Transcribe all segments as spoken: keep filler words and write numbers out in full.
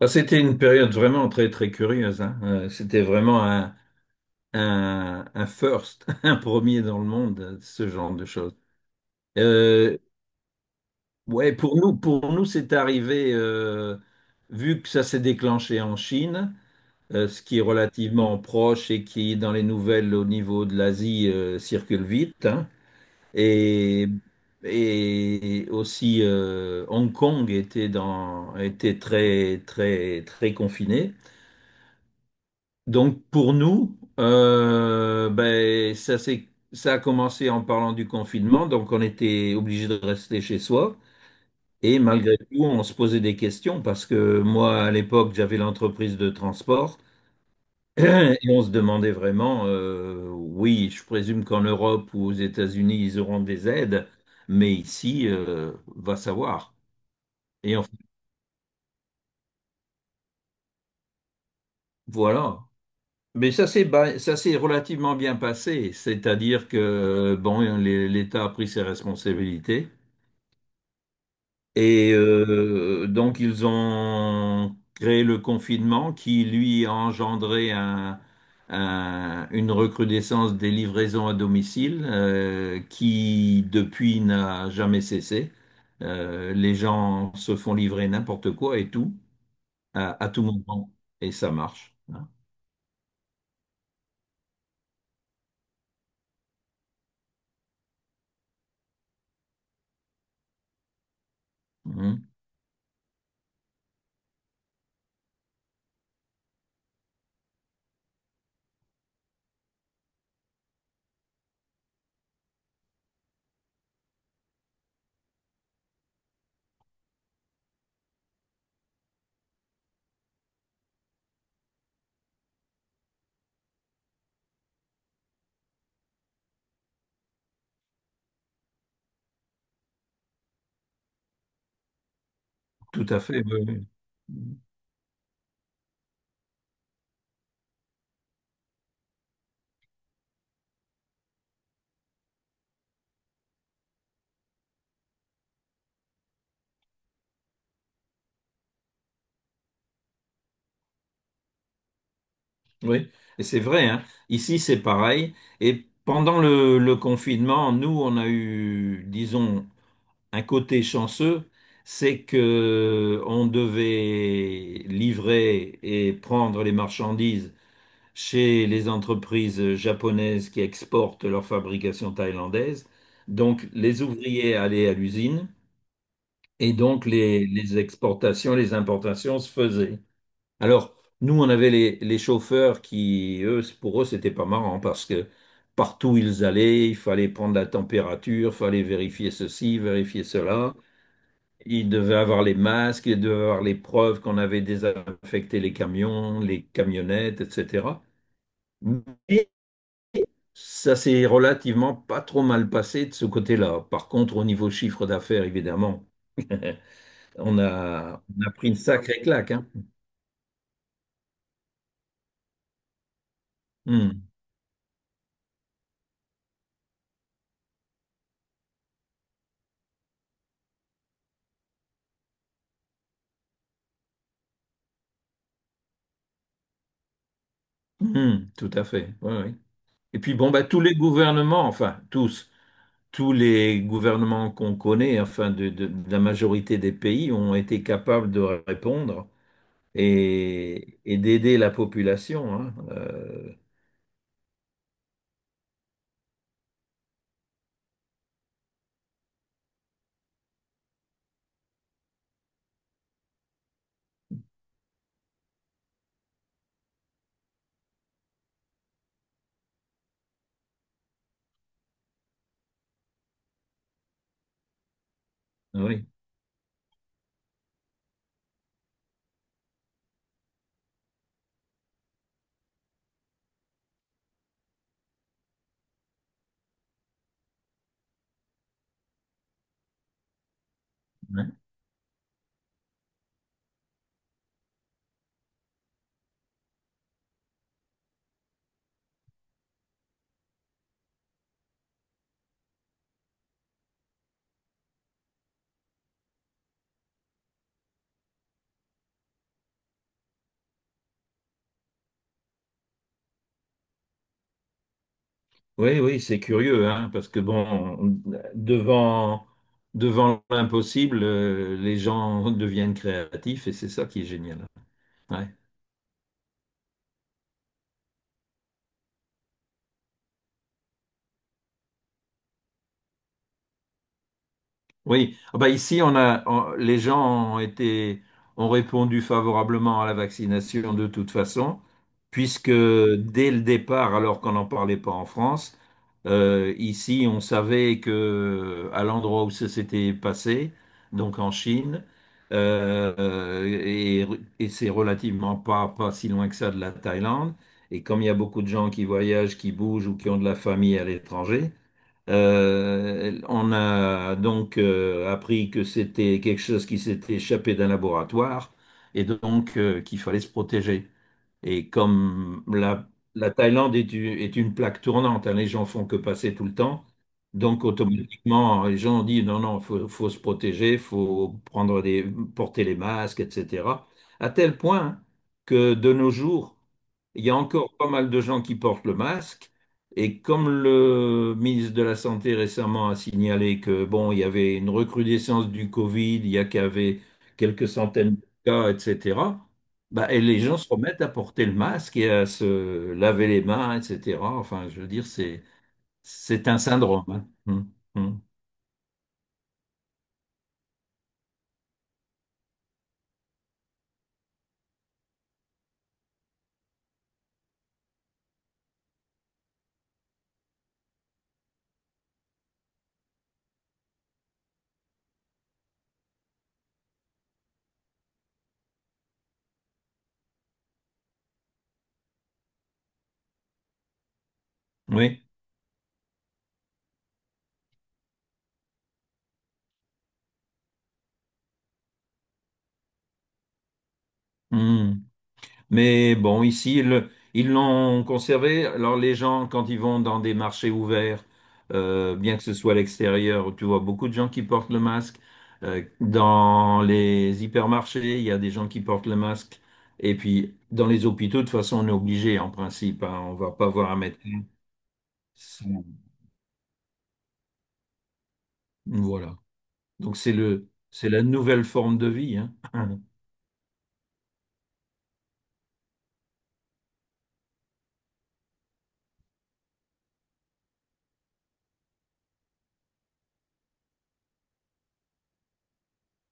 Ah, c'était une période vraiment très très curieuse, hein. Euh, C'était vraiment un, un, un first, un premier dans le monde, euh, ce genre de choses. Euh, ouais, pour nous, pour nous, c'est arrivé euh, vu que ça s'est déclenché en Chine, euh, ce qui est relativement proche et qui dans les nouvelles au niveau de l'Asie euh, circule vite, hein. Et et aussi euh, Hong Kong était dans était très très très confiné. Donc pour nous, euh, ben, ça, s'est- ça a commencé en parlant du confinement, donc on était obligé de rester chez soi. Et malgré tout, on se posait des questions parce que moi, à l'époque, j'avais l'entreprise de transport et on se demandait vraiment, euh, oui, je présume qu'en Europe ou aux États-Unis, ils auront des aides, mais ici, euh, va savoir. Et enfin, voilà. Mais ça s'est ba- ça s'est relativement bien passé, c'est-à-dire que bon, les- l'État a pris ses responsabilités et euh, donc ils ont créé le confinement qui lui a engendré un- un- une recrudescence des livraisons à domicile euh, qui depuis n'a jamais cessé. Euh, les gens se font livrer n'importe quoi et tout à, à tout moment et ça marche, hein. Mhm. Tout à fait, oui, oui. Oui, et c'est vrai, hein. Ici, c'est pareil. Et pendant le, le confinement, nous, on a eu, disons, un côté chanceux, c'est que on devait livrer et prendre les marchandises chez les entreprises japonaises qui exportent leur fabrication thaïlandaise. Donc, les ouvriers allaient à l'usine et donc les les exportations, les importations se faisaient. Alors, nous, on avait les, les chauffeurs qui, eux, c'est- pour eux, c'était pas marrant parce que partout où ils allaient, il fallait prendre la température, fallait vérifier ceci, vérifier cela. Ils devaient avoir les masques, ils devaient avoir les preuves qu'on avait désinfecté les camions, les camionnettes, et cætera. Mais ça s'est relativement pas trop mal passé de ce côté-là. Par contre, au niveau chiffre d'affaires, évidemment, on a, on a pris une sacrée claque, hein. Hum, hum, tout à fait. Oui. Et puis bon, bah, tous les gouvernements, enfin tous, tous les gouvernements qu'on connaît, enfin de, de- de la majorité des pays, ont été capables de répondre et, et d'aider la population, hein. Euh, oui. Ouais. Oui, oui, c'est curieux, hein, parce que bon, on- devant, devant l'impossible, euh, les gens deviennent créatifs et c'est ça qui est génial. Ouais. Oui. Ah bah ici on a on- les gens ont été ont répondu favorablement à la vaccination de toute façon, puisque dès le départ, alors qu'on n'en parlait pas en France, euh, ici on savait que à l'endroit où ça s'était passé, donc en Chine, euh, euh, et, et c'est relativement pas pas si loin que ça de la Thaïlande, et comme il y a beaucoup de gens qui voyagent, qui bougent ou qui ont de la famille à l'étranger. Euh, on a donc euh, appris que c'était quelque chose qui s'était échappé d'un laboratoire et donc euh, qu'il fallait se protéger. Et comme la, la Thaïlande est, u- est une plaque tournante, hein, les gens font que passer tout le temps. Donc automatiquement, les gens ont dit non, non, faut, faut se protéger, faut prendre des, porter les masques, et cætera. À tel point que de nos jours, il y a encore pas mal de gens qui portent le masque. Et comme le ministre de la Santé récemment a signalé que bon, il y avait une recrudescence du Covid, il y a qu'avait quelques centaines de cas, et cætera. Bah, et les gens se remettent à porter le masque et à se laver les mains, et cætera. Enfin, je veux dire, c'est c'est un syndrome, hein. Hum, hum. Oui. Hum. Mais bon, ici, le- ils l'ont conservé. Alors, les gens, quand ils vont dans des marchés ouverts, euh, bien que ce soit à l'extérieur, tu vois beaucoup de gens qui portent le masque. Euh, dans les hypermarchés, il y a des gens qui portent le masque. Et puis, dans les hôpitaux, de toute façon, on est obligé, en principe, hein. On va pas voir un médecin sans- voilà. Donc c'est le, c'est la nouvelle forme de vie, hein.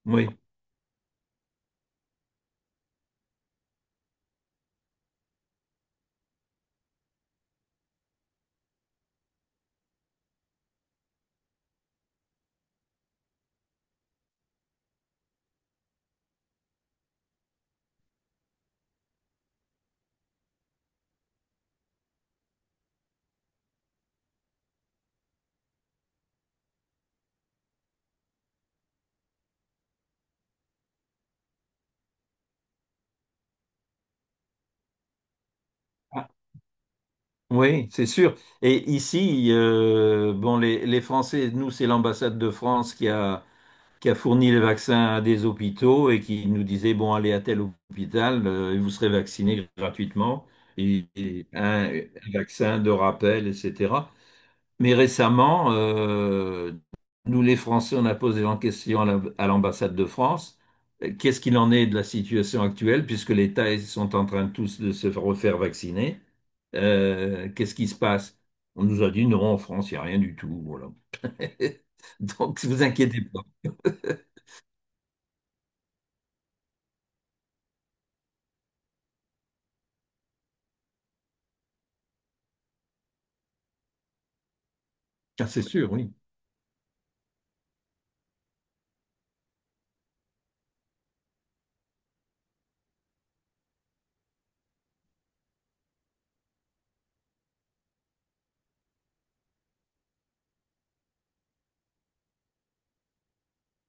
Oui. Ah, oui, c'est sûr. Et ici, euh, bon, les, les Français, nous, c'est l'ambassade de France qui a, qui a fourni les vaccins à des hôpitaux et qui nous disait, bon, allez à tel hôpital, euh, et vous serez vacciné gratuitement, et, et un, un vaccin de rappel, et cætera. Mais récemment, euh, nous les Français, on a posé en question à la- à l'ambassade de France, euh, qu'est-ce qu'il en est de la situation actuelle, puisque les Thaïs sont en train tous de se refaire vacciner. Euh, qu'est-ce qui se passe? On nous a dit non, en France, il n'y a rien du tout. Voilà. Donc, vous inquiétez pas. Ah, c'est sûr, oui.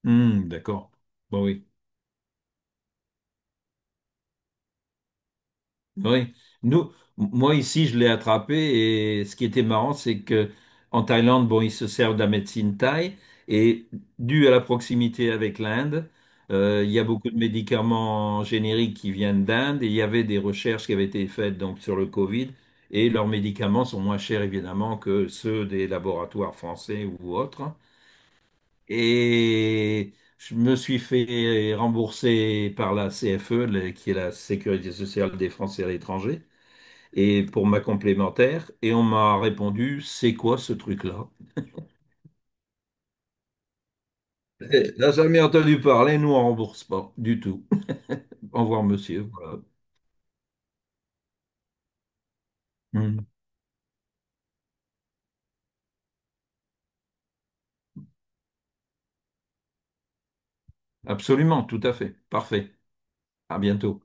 Hmm, d'accord. Bon, oui. Oui, nous, m- moi ici, je l'ai attrapé et ce qui était marrant, c'est que en Thaïlande, bon, ils se servent de la médecine thaï et dû à la proximité avec l'Inde, euh, il y a beaucoup de médicaments génériques qui viennent d'Inde et il y avait des recherches qui avaient été faites donc sur le Covid et leurs médicaments sont moins chers évidemment que ceux des laboratoires français ou autres. Et je me suis fait rembourser par la C F E, le- qui est la Sécurité sociale des Français à l'étranger et pour ma complémentaire, et on m'a répondu, c'est quoi ce truc-là? Eh, n'a jamais entendu parler, nous on rembourse pas du tout. Au revoir, monsieur. Voilà. Mm. Absolument, tout à fait. Parfait. À bientôt.